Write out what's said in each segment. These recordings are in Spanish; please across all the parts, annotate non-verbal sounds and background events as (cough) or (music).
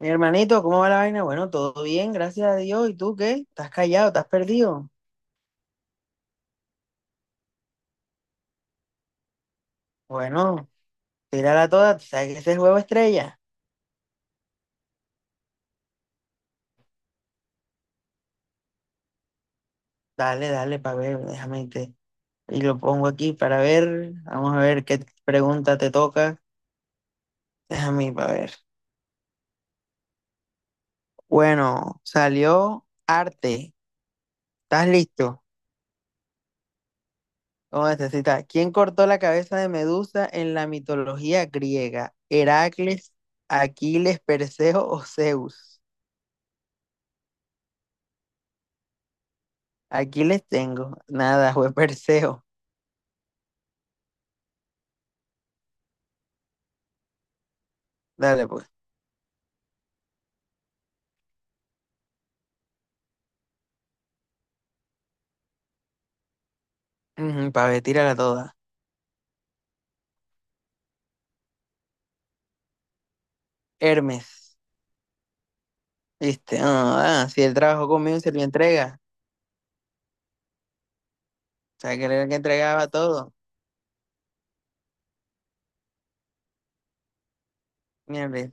Mi hermanito, ¿cómo va la vaina? Bueno, todo bien, gracias a Dios. ¿Y tú qué? ¿Estás callado? ¿Estás perdido? Bueno, tírala toda. ¿Tú sabes que ese es juego estrella? Dale, dale, para ver, déjame te... Y lo pongo aquí para ver. Vamos a ver qué pregunta te toca. Déjame para ver. Bueno, salió arte. ¿Estás listo? ¿Cómo necesitas? ¿Quién cortó la cabeza de Medusa en la mitología griega? ¿Heracles, Aquiles, Perseo o Zeus? Aquí les tengo. Nada, (laughs) fue Perseo. Dale, pues. Para ver, tírala toda. Hermes. ¿Viste? Ah, ah, si él trabajó conmigo, se lo entrega. O sea, que era el que entregaba todo. Mierda.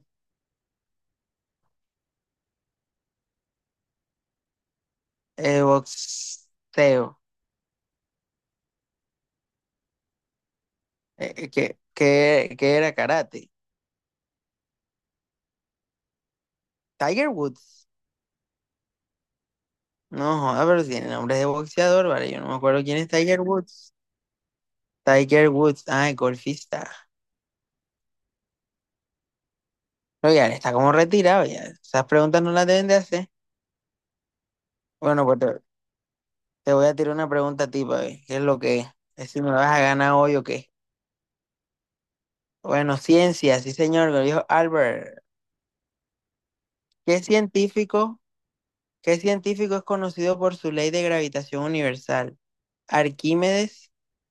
Boxeo. Que era karate. Tiger Woods. No, joda, pero tiene nombre de boxeador, ¿vale? Yo no me acuerdo quién es Tiger Woods. Tiger Woods. Ah, el golfista. Pero ya, está como retirado ya. Esas preguntas no las deben de hacer. Bueno, pues te voy a tirar una pregunta a ti, para ver qué es lo que es. Es si me vas a ganar hoy o qué. Bueno, ciencia, sí señor, lo dijo Albert. ¿Qué científico, qué científico es conocido por su ley de gravitación universal? Arquímedes,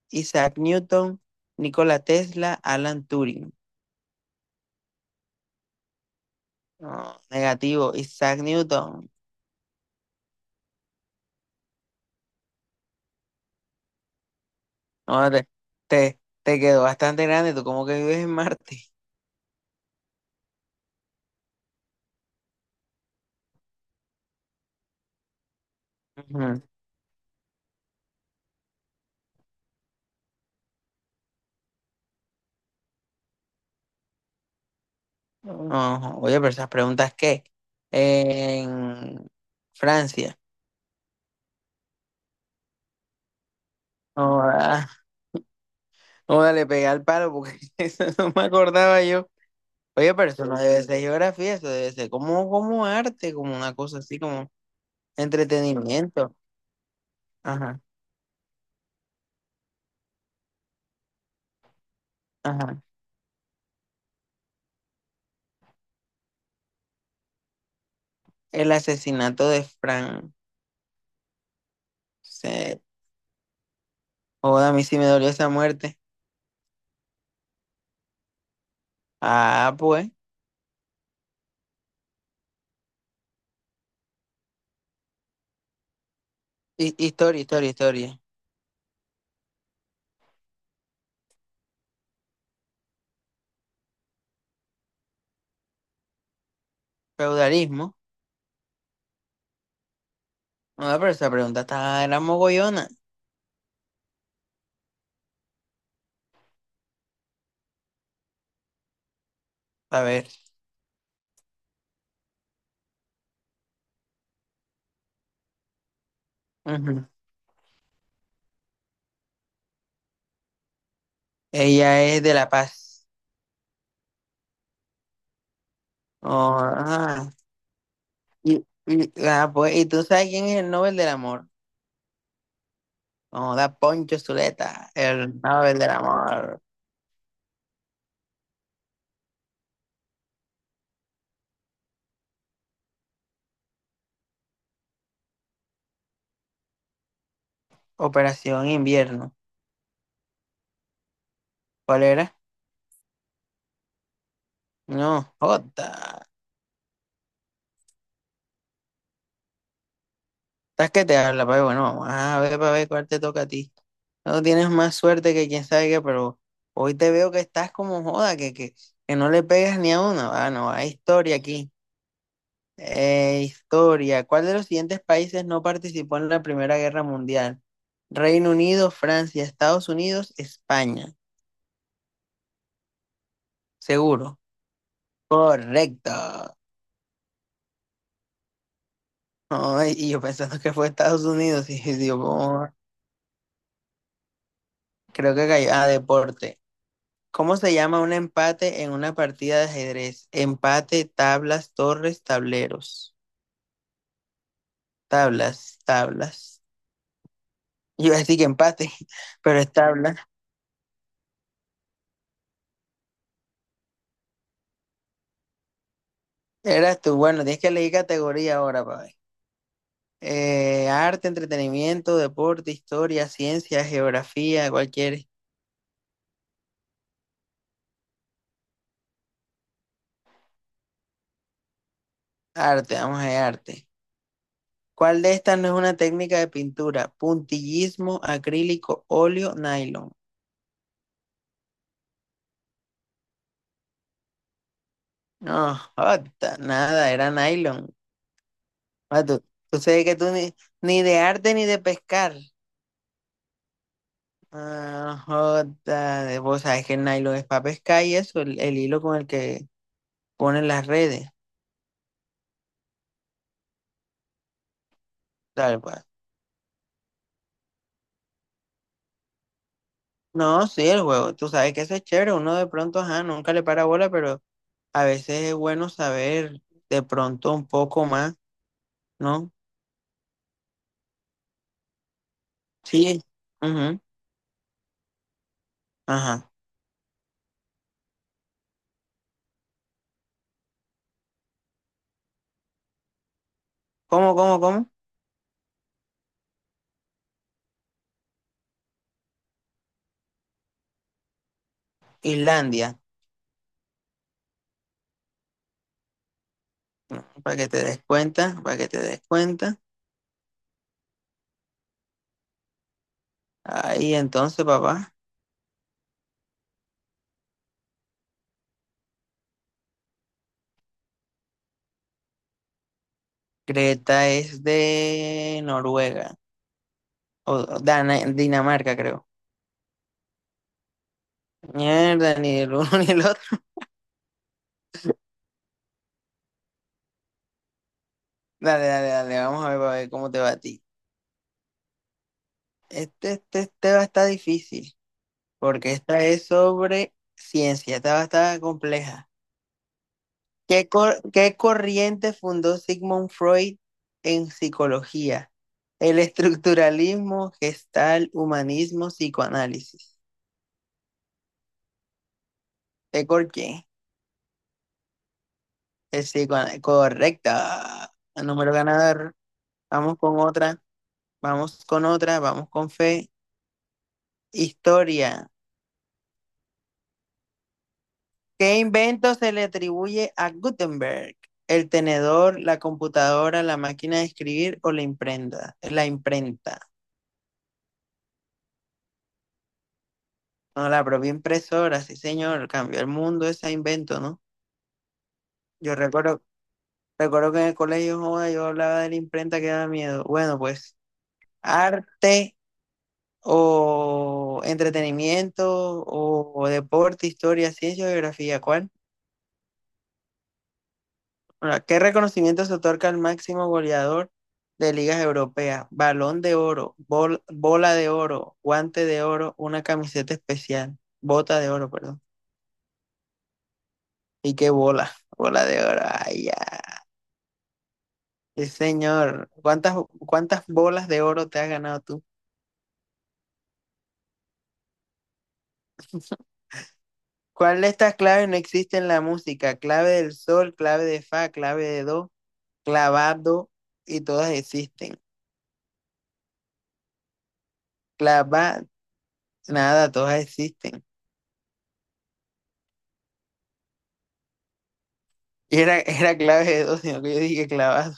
Isaac Newton, Nikola Tesla, Alan Turing. No, negativo, Isaac Newton. No, te quedó bastante grande, tú como que vives en Marte. Ujú. No, oye, pero esas preguntas, ¿qué? En Francia. No, ah, no, dale, pegué al palo porque (laughs) eso no me acordaba yo. Oye, pero eso no debe ser geografía, eso debe ser como, como arte, como una cosa así, como entretenimiento. Ajá, ajá. El asesinato de Frank. Se... Joda, a mí sí me dolió esa muerte. Ah, pues. Historia, historia, historia. Feudalismo. No, pero esa pregunta está, era mogollona. A ver. Ujú. Ella es de La Paz. Oh, ah. Ah, pues, ¿y tú sabes quién es el Nobel del Amor? No, da Poncho Zuleta, el Nobel del Amor. Operación Invierno. ¿Cuál era? No, Jota. ¿Estás que te habla, pero bueno, vamos a ver para ver cuál te toca a ti. No tienes más suerte que quién sabe qué, pero hoy te veo que estás como joda, que no le pegas ni a uno. Ah, no, hay historia aquí. Historia. ¿Cuál de los siguientes países no participó en la Primera Guerra Mundial? Reino Unido, Francia, Estados Unidos, España. Seguro. Correcto. Ay, y yo pensando que fue Estados Unidos (laughs) y digo, "Oh, creo que cayó". Ah, deporte. ¿Cómo se llama un empate en una partida de ajedrez? Empate, tablas, torres, tableros. Tablas, tablas. Yo iba a decir que empate, (laughs) pero es tabla. Eras tú. Bueno, tienes que elegir categoría ahora, para ver. Arte, entretenimiento, deporte, historia, ciencia, geografía, cualquier arte. Vamos a ver, arte. ¿Cuál de estas no es una técnica de pintura? Puntillismo, acrílico, óleo, nylon. No, jota, nada, era nylon. Ah, tú sabes que tú ni de arte ni de pescar. Ah, jota, de- vos sabes que el nylon es para pescar y eso, el hilo con el que ponen las redes, tal cual. No, sí, el juego, tú sabes que eso es chévere, uno de pronto, ajá, nunca le para bola, pero a veces es bueno saber de pronto un poco más, ¿no? Sí, ujú, ajá. ¿Cómo? Islandia. Mm, para que te des cuenta, para que te des cuenta. Ahí entonces, papá. Creta es de Noruega. O Dinamarca, creo. Mierda, ni el uno (laughs) ni el otro. Dale, dale, dale. Vamos a ver cómo te va a ti. Este va a estar difícil. Porque esta es sobre ciencia. Esta va a estar compleja. ¿Qué corriente fundó Sigmund Freud en psicología? El estructuralismo, gestal, humanismo, psicoanálisis. ¿Qué cor- quién? El psicoanálisis. Correcta. Número ganador. Vamos con otra. Vamos con otra. Vamos con fe. Historia. ¿Qué invento se le atribuye a Gutenberg? El tenedor, la computadora, la máquina de escribir o la imprenta. La imprenta. No, la propia impresora, sí, señor, cambió el mundo ese invento, ¿no? Yo recuerdo, Recuerdo que en el colegio, joda, yo hablaba de la imprenta que daba miedo. Bueno, pues arte o entretenimiento o deporte, historia, ciencia, geografía, ¿cuál? Ahora, ¿qué reconocimiento se otorga al máximo goleador de ligas europeas? Balón de oro, bola de oro, guante de oro, una camiseta especial, bota de oro, perdón. ¿Y qué bola? (laughs) Bola de oro, ay, sí, señor. ¿Cuántas bolas de oro te has ganado tú? ¿Cuál de estas claves no existe en la música? Clave del sol, clave de fa, clave de do, clavado, y todas existen. Clava, nada, todas existen. Y era, (laughs) era clave de do, sino que yo dije clavado.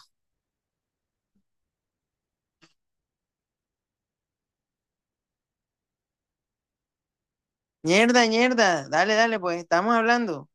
Mierda, mierda. Dale, dale, pues estamos hablando.